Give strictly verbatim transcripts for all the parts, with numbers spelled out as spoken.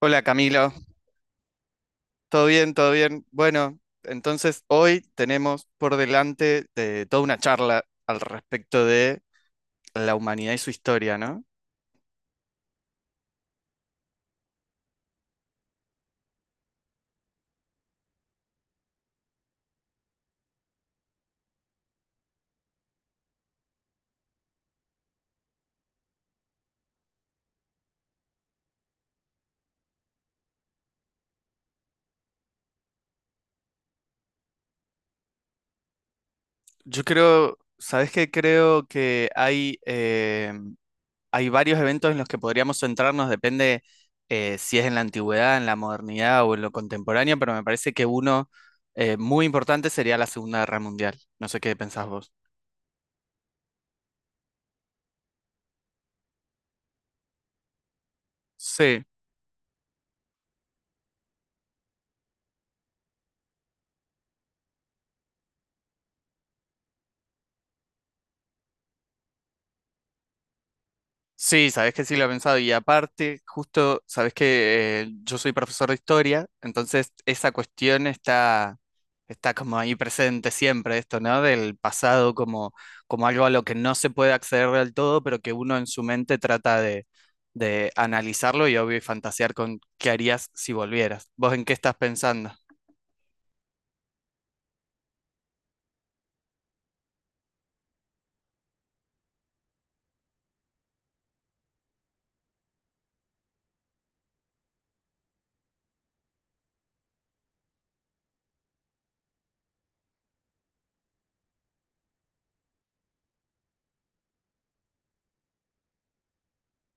Hola Camilo, ¿todo bien? ¿Todo bien? Bueno, entonces hoy tenemos por delante de toda una charla al respecto de la humanidad y su historia, ¿no? Yo creo, ¿sabes qué? Creo que hay, eh, hay varios eventos en los que podríamos centrarnos, depende eh, si es en la antigüedad, en la modernidad o en lo contemporáneo, pero me parece que uno eh, muy importante sería la Segunda Guerra Mundial. No sé qué pensás vos. Sí. Sí, sabes que sí lo he pensado. Y aparte, justo, sabes que eh, yo soy profesor de historia, entonces esa cuestión está, está como ahí presente siempre, esto, ¿no? Del pasado como, como algo a lo que no se puede acceder del todo, pero que uno en su mente trata de, de analizarlo y obvio y fantasear con qué harías si volvieras. ¿Vos en qué estás pensando?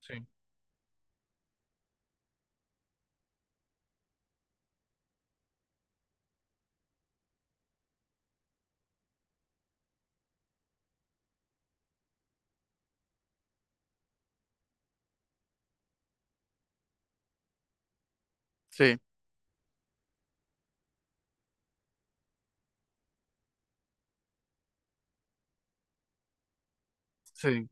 Sí, sí, sí.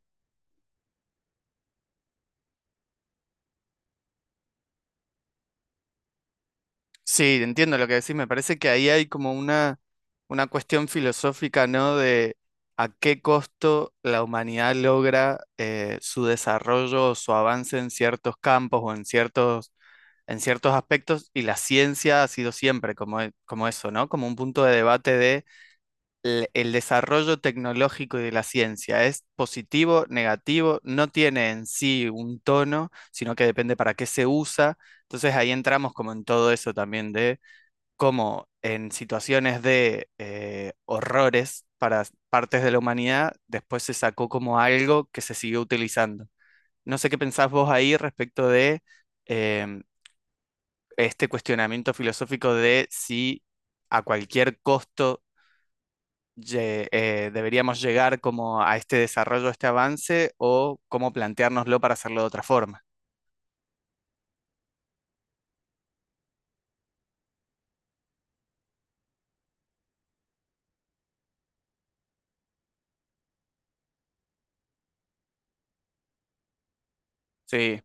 Sí, entiendo lo que decís. Me parece que ahí hay como una, una cuestión filosófica, ¿no? De a qué costo la humanidad logra eh, su desarrollo o su avance en ciertos campos o en ciertos, en ciertos aspectos. Y la ciencia ha sido siempre como, e- como eso, ¿no? Como un punto de debate de el, el desarrollo tecnológico y de la ciencia. ¿Es positivo, negativo? No tiene en sí un tono, sino que depende para qué se usa. Entonces ahí entramos como en todo eso también de cómo en situaciones de eh, horrores para partes de la humanidad, después se sacó como algo que se siguió utilizando. No sé qué pensás vos ahí respecto de em, este cuestionamiento filosófico de si a cualquier costo lle- eh, deberíamos llegar como a este desarrollo, a este avance, o cómo planteárnoslo para hacerlo de otra forma. Sí.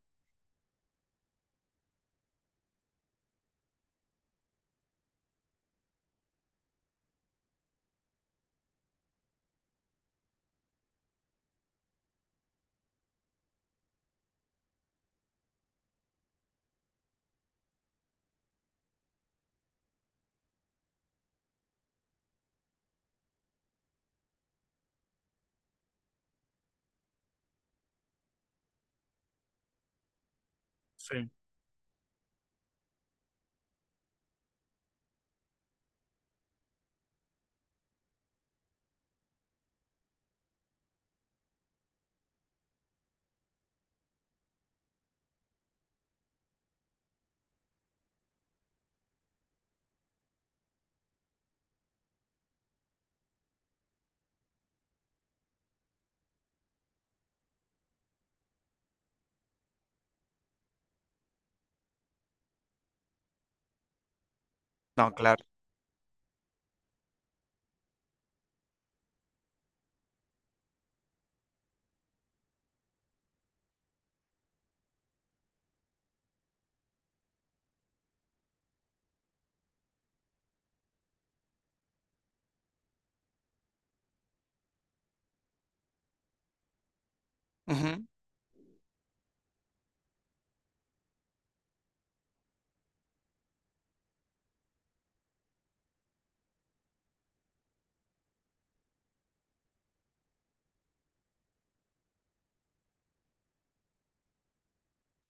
Sí, no, claro. Ujú.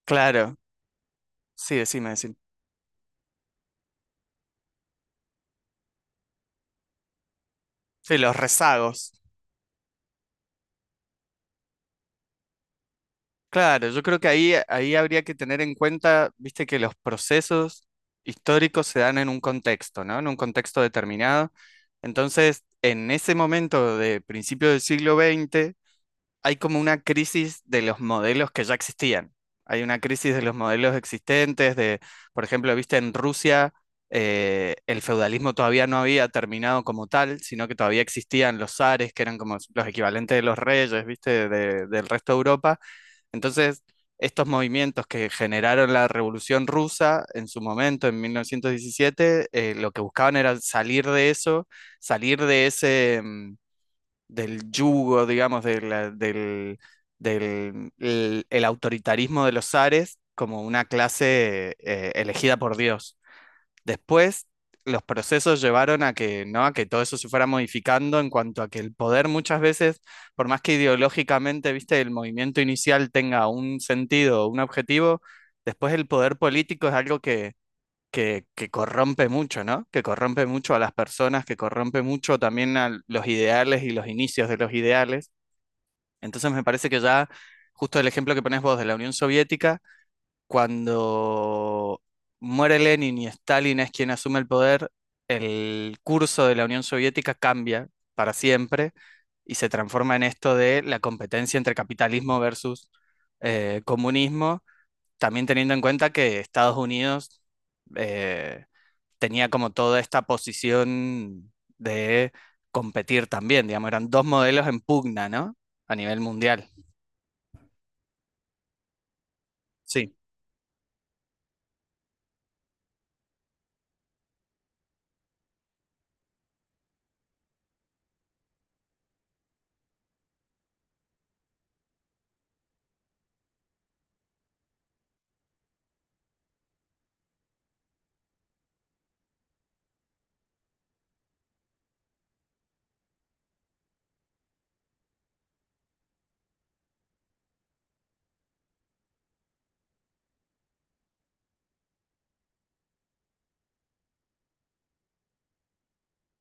Claro, sí, decime, decime. Sí, los rezagos. Claro, yo creo que ahí, ahí habría que tener en cuenta, viste, que los procesos históricos se dan en un contexto, ¿no? En un contexto determinado. Entonces, en ese momento de principio del siglo veinte, hay como una crisis de los modelos que ya existían. Hay una crisis de los modelos existentes, de, por ejemplo, viste, en Rusia, eh, el feudalismo todavía no había terminado como tal, sino que todavía existían los zares, que eran como los equivalentes de los reyes, viste, de- del resto de Europa, entonces, estos movimientos que generaron la Revolución Rusa en su momento, en mil novecientos diecisiete, eh, lo que buscaban era salir de eso, salir de ese, mm, del yugo, digamos, de la- del, del el, el autoritarismo de los zares como una clase eh, elegida por Dios. Después, los procesos llevaron a que, ¿no? a que todo eso se fuera modificando en cuanto a que el poder muchas veces, por más que ideológicamente, viste, el movimiento inicial tenga un sentido, un objetivo, después el poder político es algo que, que, que corrompe mucho, ¿no? Que corrompe mucho a las personas, que corrompe mucho también a los ideales y los inicios de los ideales. Entonces me parece que ya, justo el ejemplo que pones vos de la Unión Soviética, cuando muere Lenin y Stalin es quien asume el poder, el curso de la Unión Soviética cambia para siempre y se transforma en esto de la competencia entre capitalismo versus eh, comunismo, también teniendo en cuenta que Estados Unidos eh, tenía como toda esta posición de competir también, digamos, eran dos modelos en pugna, ¿no? A nivel mundial. Sí.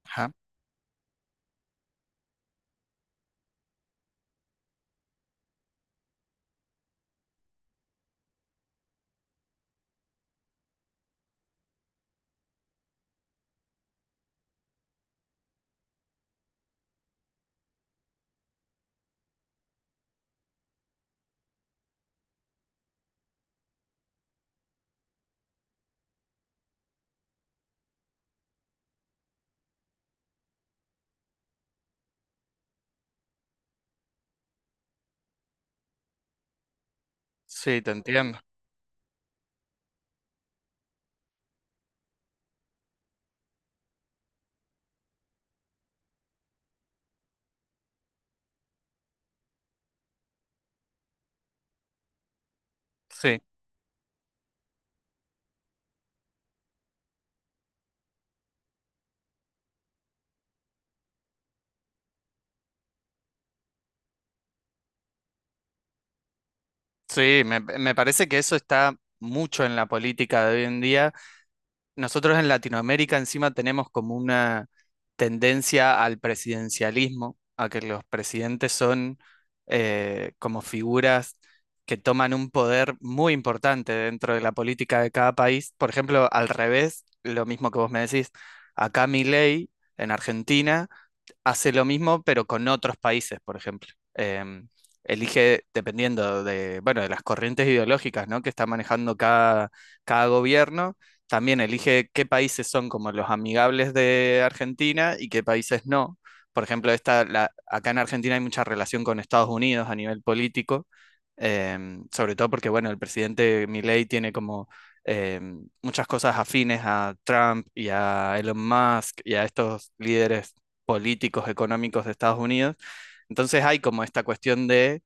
Ajá. Sí, te entiendo. Sí. Sí, me, me parece que eso está mucho en la política de hoy en día. Nosotros en Latinoamérica encima tenemos como una tendencia al presidencialismo, a que los presidentes son eh, como figuras que toman un poder muy importante dentro de la política de cada país. Por ejemplo, al revés, lo mismo que vos me decís, acá Milei en Argentina hace lo mismo, pero con otros países, por ejemplo. Em, elige, dependiendo de, bueno, de las corrientes ideológicas, ¿no? que está manejando cada, cada gobierno, también elige qué países son como los amigables de Argentina y qué países no. Por ejemplo, esta, la- acá en Argentina hay mucha relación con Estados Unidos a nivel político, em, sobre todo porque, bueno, el presidente Milei tiene como em, muchas cosas afines a Trump y a Elon Musk y a estos líderes políticos, económicos de Estados Unidos. Entonces hay como esta cuestión de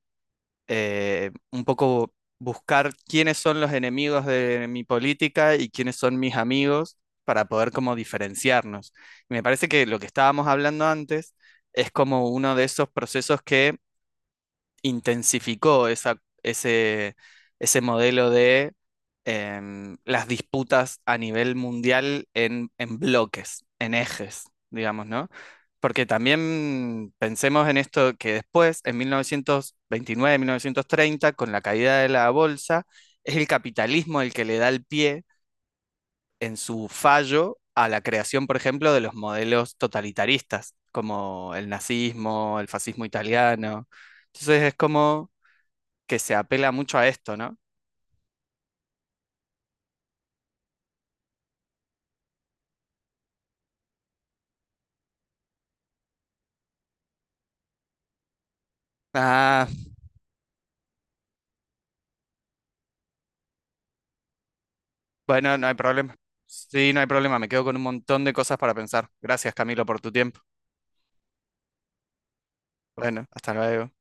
eh, un poco buscar quiénes son los enemigos de mi política y quiénes son mis amigos para poder como diferenciarnos. Y me parece que lo que estábamos hablando antes es como uno de esos procesos que intensificó esa, ese, ese modelo de em, las disputas a nivel mundial en, en bloques, en ejes, digamos, ¿no? Porque también pensemos en esto que después, en mil mil novecientos veintinueve mil novecientos treinta con la caída de la bolsa, es el capitalismo el que le da el pie en su fallo a la creación, por ejemplo, de los modelos totalitaristas, como el nazismo, el fascismo italiano. Entonces es como que se apela mucho a esto, ¿no? Ah, bueno, no hay problema. Sí, no hay problema, me quedo con un montón de cosas para pensar. Gracias, Camilo, por tu tiempo. Bueno, hasta luego.